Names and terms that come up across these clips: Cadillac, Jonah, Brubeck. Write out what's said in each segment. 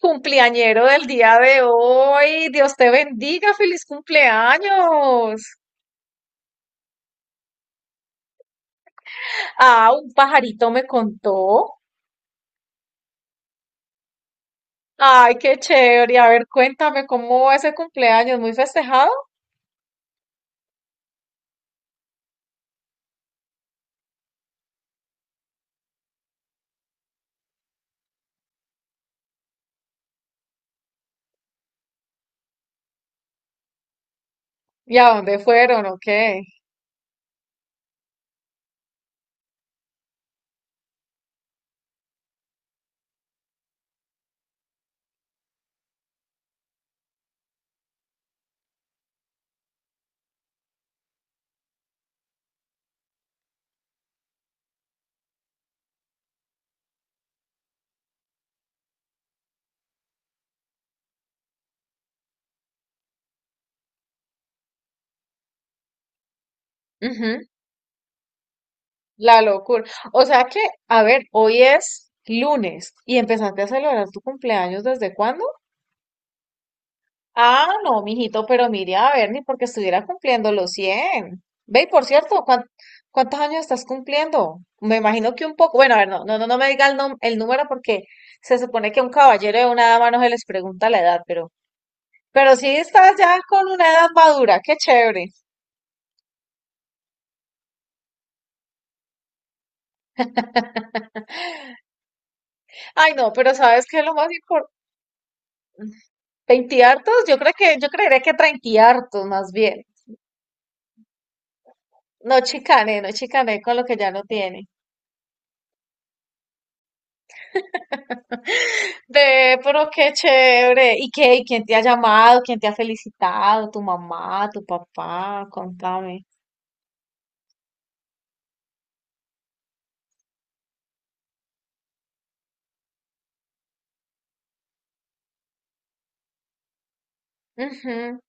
Cumpleañero del día de hoy, Dios te bendiga, feliz cumpleaños. Ah, un pajarito me contó. Ay, qué chévere. A ver, cuéntame cómo va ese cumpleaños, muy festejado. ¿Y a dónde fueron? ¿O qué? Ujú, la locura. O sea que, a ver, hoy es lunes y empezaste a celebrar tu cumpleaños, ¿desde cuándo? Ah, no, mijito, pero mire, a ver, ni porque estuviera cumpliendo los 100. Ve, y por cierto, ¿cuántos años estás cumpliendo? Me imagino que un poco. Bueno, a ver, no, no, no me diga el, el número porque se supone que a un caballero y a una dama no se les pregunta la edad, pero sí estás ya con una edad madura, qué chévere. Ay, no, pero ¿sabes qué es lo más importante? ¿20 hartos? Yo creo que, yo creería que 30 hartos más bien. No chicané, no chicané con lo que ya no tiene. Ve, pero qué chévere. ¿Y qué? ¿Y quién te ha llamado? ¿Quién te ha felicitado? ¿Tu mamá? ¿Tu papá? Contame. Ujú.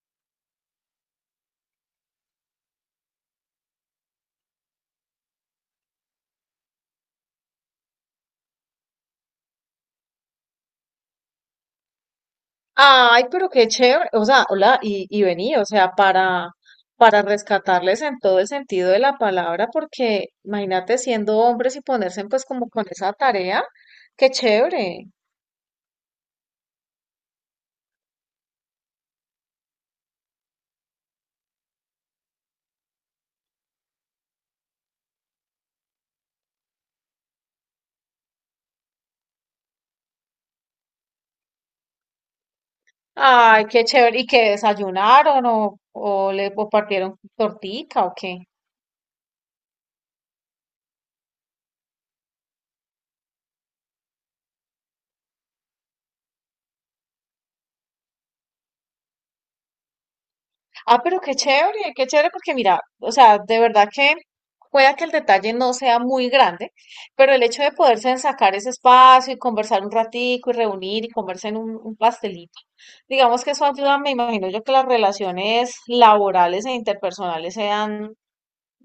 Ay, pero qué chévere. O sea, hola, y vení, o sea, para rescatarles en todo el sentido de la palabra, porque imagínate siendo hombres y ponerse pues como con esa tarea, qué chévere. Ay, qué chévere. ¿Y que desayunaron o le o partieron tortica o qué? Ah, pero qué chévere porque mira, o sea, de verdad que pueda que el detalle no sea muy grande, pero el hecho de poderse sacar ese espacio y conversar un ratico y reunir y comerse en un pastelito, digamos que eso ayuda, me imagino yo que las relaciones laborales e interpersonales sean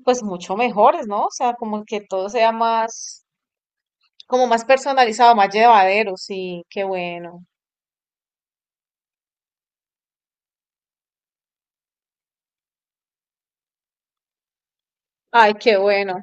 pues mucho mejores, ¿no? O sea, como que todo sea más, como más personalizado, más llevadero, sí, qué bueno. Ay, qué bueno.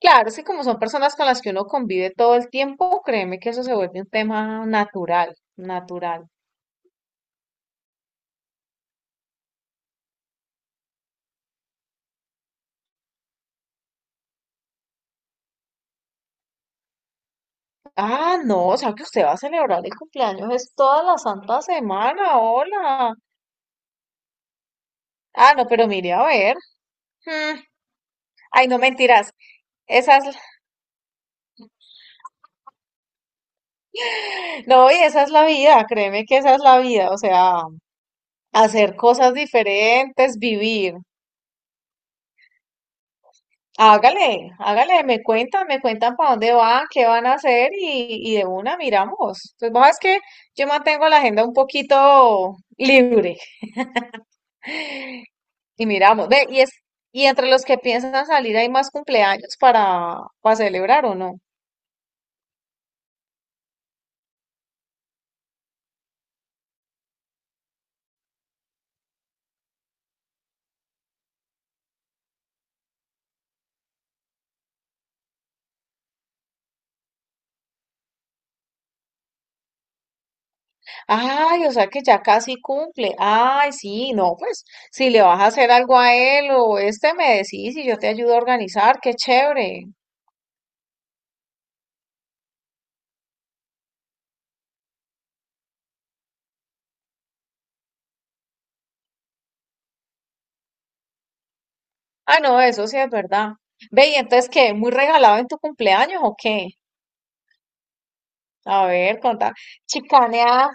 Claro, es que como son personas con las que uno convive todo el tiempo, créeme que eso se vuelve un tema natural, natural. Ah, no, o sea que usted va a celebrar el cumpleaños, es toda la santa semana, hola. Ah, no, pero mire, a ver. mm, Ay, no mentiras. Esa es, no, y esa es la vida, créeme que esa es la vida, o sea, hacer cosas diferentes, vivir. Hágale, hágale, me cuentan para dónde van, qué van a hacer y de una miramos. Pues vos es que yo mantengo la agenda un poquito libre y miramos. Ve, y es, y entre los que piensan salir hay más cumpleaños para celebrar o no. Ay, o sea que ya casi cumple. Ay, sí, no, pues si le vas a hacer algo a él o este me decís y yo te ayudo a organizar, qué chévere. Ah, no, eso sí es verdad. Ve, y entonces, ¿qué? ¿Muy regalado en tu cumpleaños o qué? A ver, contame. Chicanea.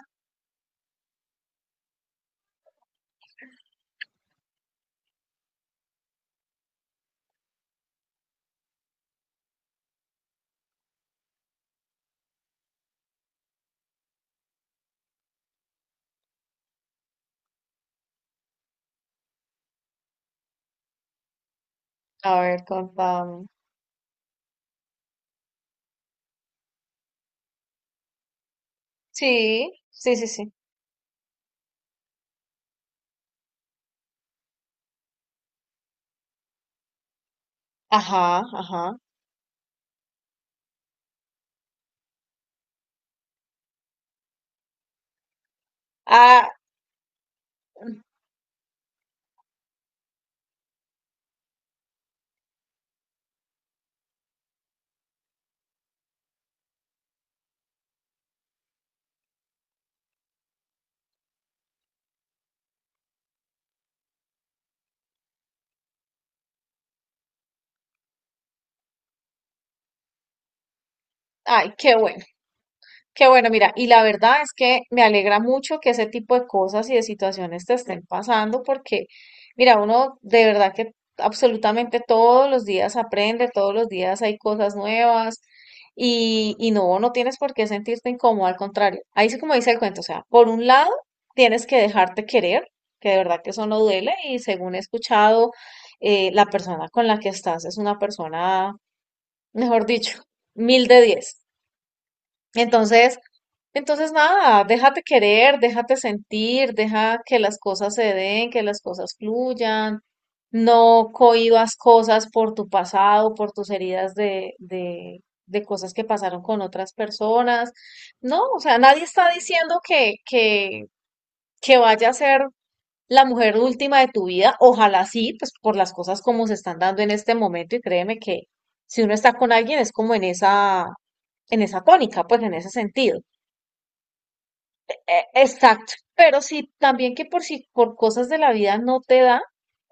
A ver, contame. Sí, sí, sí, sí. Ajá, ajá. Ah, ay, qué bueno. Qué bueno, mira, y la verdad es que me alegra mucho que ese tipo de cosas y de situaciones te estén pasando porque, mira, uno de verdad que absolutamente todos los días aprende, todos los días hay cosas nuevas y no, no tienes por qué sentirte incómodo, al contrario. Ahí sí como dice el cuento, o sea, por un lado tienes que dejarte querer, que de verdad que eso no duele y según he escuchado, la persona con la que estás es una persona, mejor dicho, mil de diez. Entonces, entonces, nada, déjate querer, déjate sentir, deja que las cosas se den, que las cosas fluyan. No cohibas cosas por tu pasado, por tus heridas de cosas que pasaron con otras personas. No, o sea, nadie está diciendo que vaya a ser la mujer última de tu vida. Ojalá sí, pues por las cosas como se están dando en este momento. Y créeme que si uno está con alguien es como en esa tónica, pues en ese sentido exacto. Pero si también que por si por cosas de la vida no te da,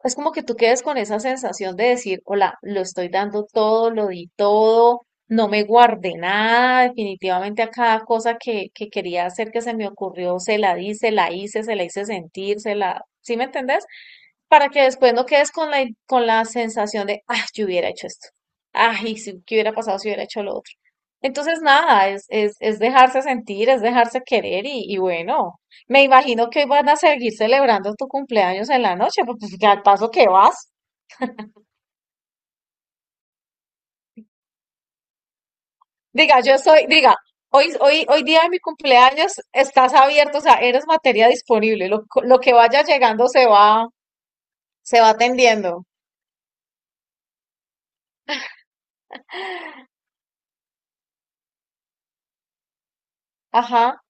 es como que tú quedes con esa sensación de decir, hola, lo estoy dando todo, lo di todo, no me guardé nada, definitivamente a cada cosa que quería hacer que se me ocurrió, se la di, se la hice sentir, se la, ¿sí me entendés? Para que después no quedes con la sensación de, ah, yo hubiera hecho esto. Ay, si, ¿qué hubiera pasado si hubiera hecho lo otro? Entonces, nada, es dejarse sentir, es dejarse querer y bueno, me imagino que hoy van a seguir celebrando tu cumpleaños en la noche, pues pues, al paso que vas. Diga, yo soy, diga, hoy, hoy, hoy día de mi cumpleaños estás abierto, o sea, eres materia disponible, lo que vaya llegando se va atendiendo. Ajá,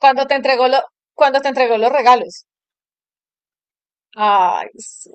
cuando te entregó lo, cuando te entregó los regalos. Ay, sí.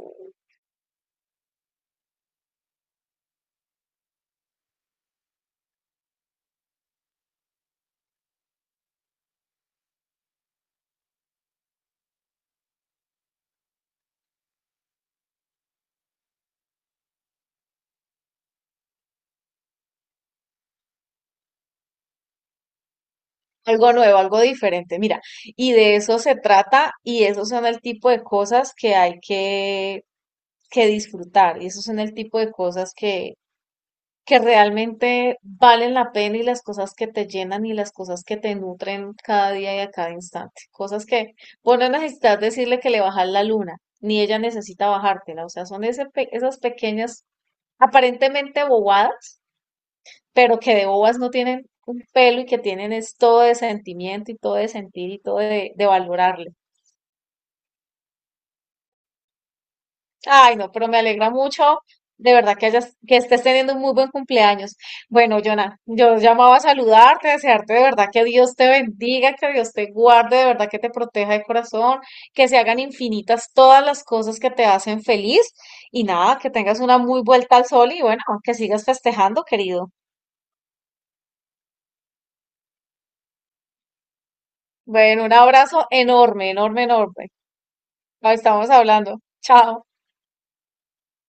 Algo nuevo, algo diferente. Mira, y de eso se trata y esos son el tipo de cosas que hay que disfrutar y esos son el tipo de cosas que realmente valen la pena y las cosas que te llenan y las cosas que te nutren cada día y a cada instante. Cosas que vos no necesitas decirle que le bajas la luna, ni ella necesita bajártela. O sea, son esas pequeñas, aparentemente bobadas pero que de bobas no tienen un pelo y que tienen es todo de sentimiento y todo de sentir y todo de valorarle. Ay, no, pero me alegra mucho, de verdad que hayas, que estés teniendo un muy buen cumpleaños. Bueno, Jonah, yo llamaba a saludarte, a desearte de verdad que Dios te bendiga, que Dios te guarde, de verdad que te proteja de corazón, que se hagan infinitas todas las cosas que te hacen feliz y nada, que tengas una muy vuelta al sol y bueno, que sigas festejando, querido. Bueno, un abrazo enorme, enorme, enorme. Lo estamos hablando. Chao.